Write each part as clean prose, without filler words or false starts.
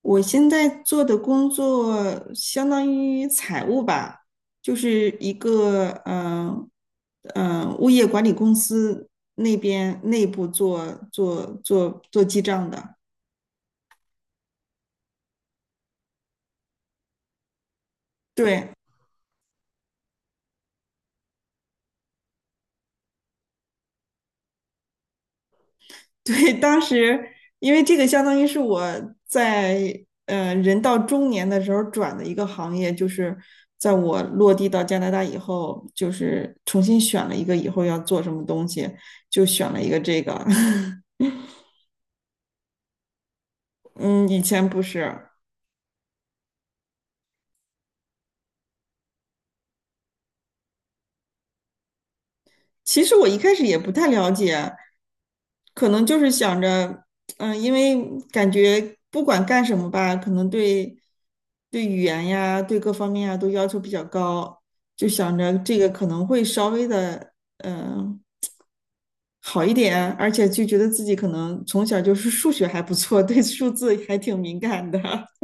我现在做的工作相当于财务吧，就是一个物业管理公司那边内部做记账的。对 对，当时因为这个相当于是我在人到中年的时候转的一个行业，就是在我落地到加拿大以后，就是重新选了一个以后要做什么东西，就选了一个这个。嗯，以前不是。其实我一开始也不太了解，可能就是想着，因为感觉不管干什么吧，可能对语言呀，对各方面啊都要求比较高，就想着这个可能会稍微的，嗯，好一点，而且就觉得自己可能从小就是数学还不错，对数字还挺敏感的。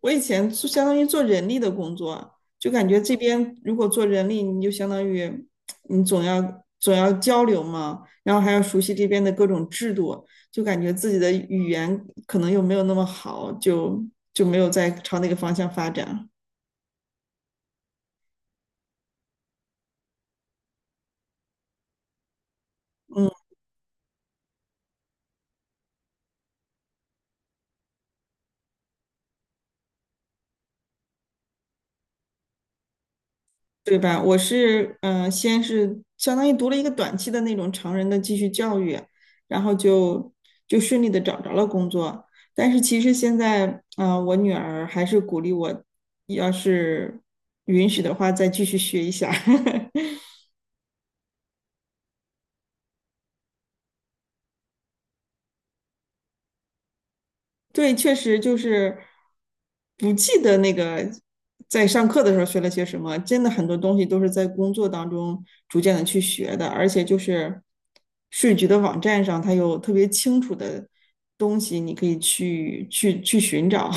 我以前就相当于做人力的工作啊，就感觉这边如果做人力，你就相当于你总要交流嘛，然后还要熟悉这边的各种制度，就感觉自己的语言可能又没有那么好，就没有再朝那个方向发展。对吧？我是先是相当于读了一个短期的那种成人的继续教育，然后就顺利的找着了工作。但是其实现在，我女儿还是鼓励我，要是允许的话，再继续学一下。对，确实就是不记得那个在上课的时候学了些什么，真的很多东西都是在工作当中逐渐的去学的，而且就是税局的网站上，它有特别清楚的东西，你可以去寻找。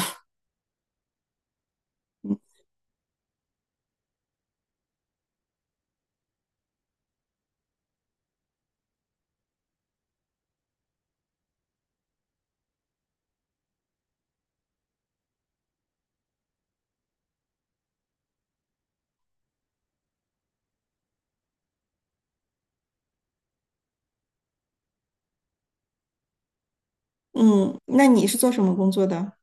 嗯，那你是做什么工作的？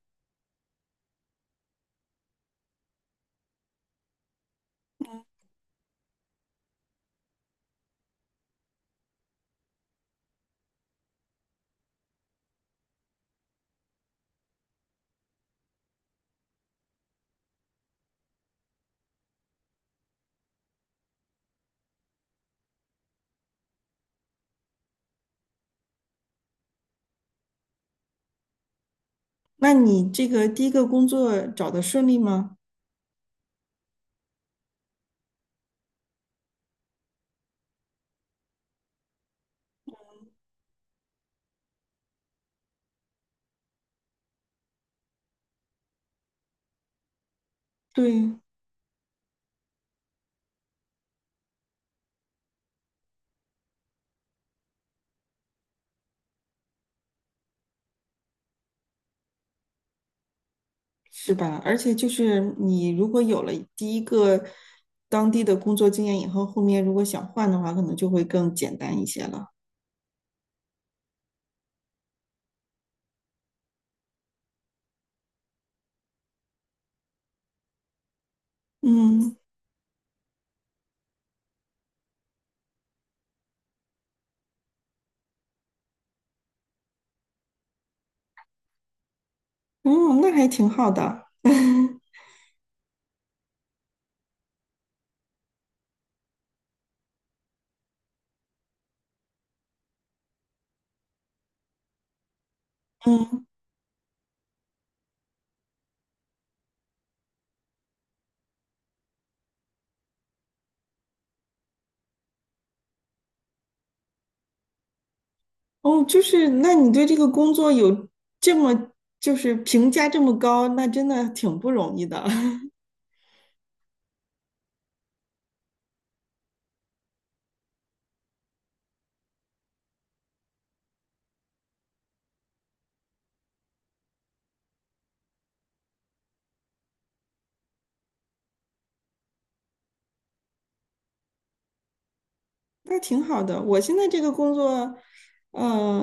那你这个第一个工作找的顺利吗？对，是吧？而且就是你如果有了第一个当地的工作经验以后，后面如果想换的话，可能就会更简单一些了。嗯，嗯，那还挺好的。嗯，哦，就是那你对这个工作有这么就是评价这么高，那真的挺不容易的。那挺好的。我现在这个工作，呃，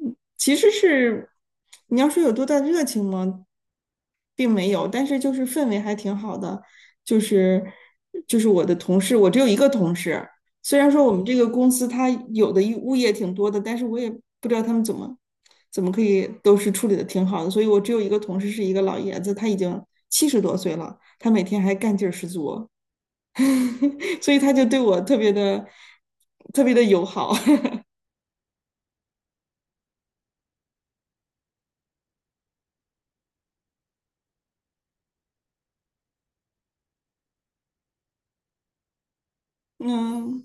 其实是你要说有多大热情吗，并没有，但是就是氛围还挺好的，就是就是我的同事，我只有一个同事，虽然说我们这个公司它有的一物业挺多的，但是我也不知道他们怎么可以都是处理的挺好的，所以我只有一个同事是一个老爷子，他已经70多岁了，他每天还干劲儿十足。所以他就对我特别的特别的友好。嗯，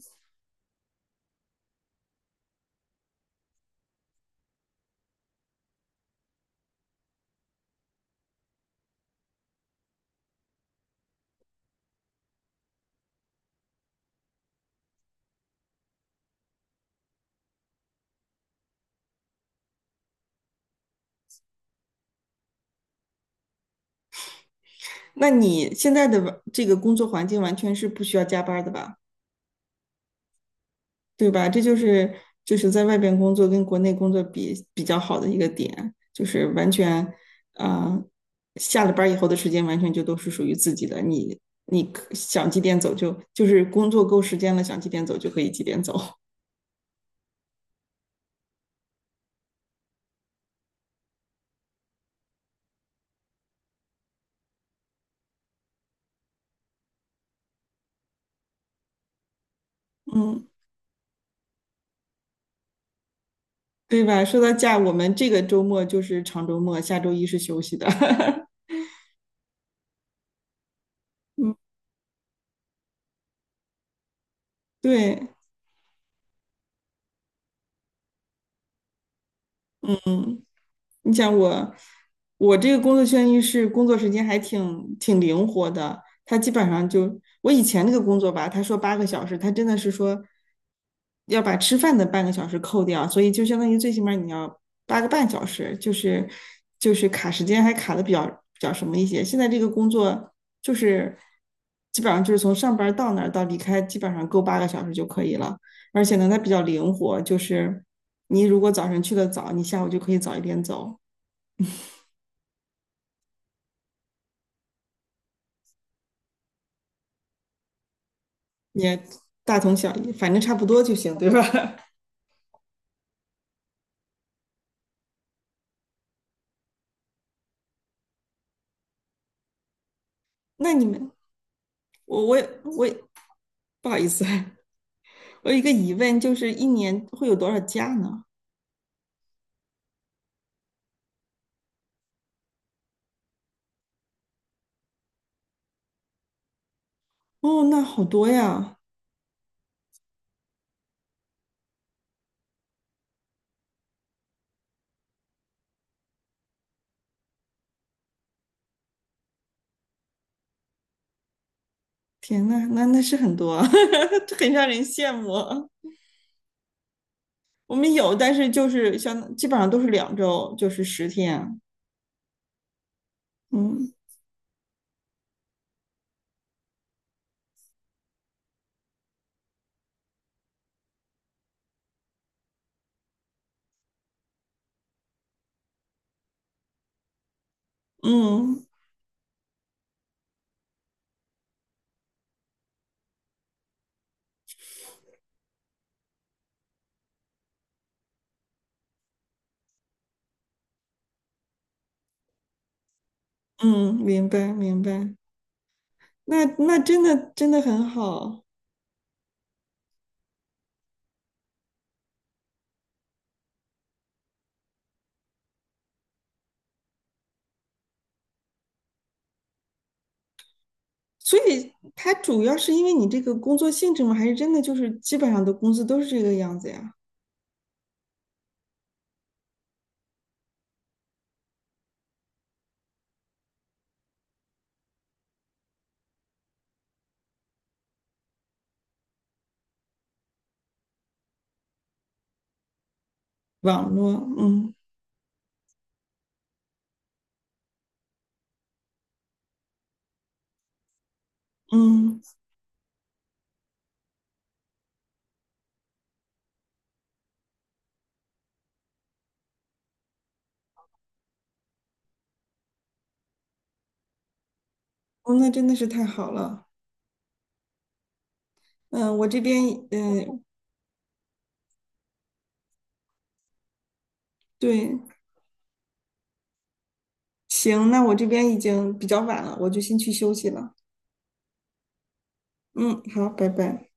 那你现在的这个工作环境完全是不需要加班的吧？对吧？这就是在外边工作跟国内工作比较好的一个点，就是完全，啊，呃下了班以后的时间完全就都是属于自己的，你可想几点走就是工作够时间了，想几点走就可以几点走，嗯，对吧？说到假，我们这个周末就是长周末，下周一是休息的，嗯。对，你想我，我这个工作圈一是工作时间还挺灵活的，他基本上就我以前那个工作吧，他说八个小时，他真的是说要把吃饭的半个小时扣掉，所以就相当于最起码你要8个半小时，就是卡时间还卡的比较什么一些。现在这个工作就是基本上就是从上班到那儿到离开，基本上够八个小时就可以了。而且呢，它比较灵活，就是你如果早晨去的早，你下午就可以早一点走。也大同小异，反正差不多就行，对吧？那你们，我不好意思，我有一个疑问，就是一年会有多少假呢？哦，那好多呀！天呐，那是很多啊，这很让人羡慕啊。我们有，但是就是像基本上都是2周，就是10天啊。嗯嗯嗯，明白明白。那真的真的很好。所以它主要是因为你这个工作性质吗？还是真的就是基本上的工资都是这个样子呀？网络，嗯嗯，哦，那真的是太好了。嗯，我这边，嗯，对，行，那我这边已经比较晚了，我就先去休息了。嗯，好，拜拜。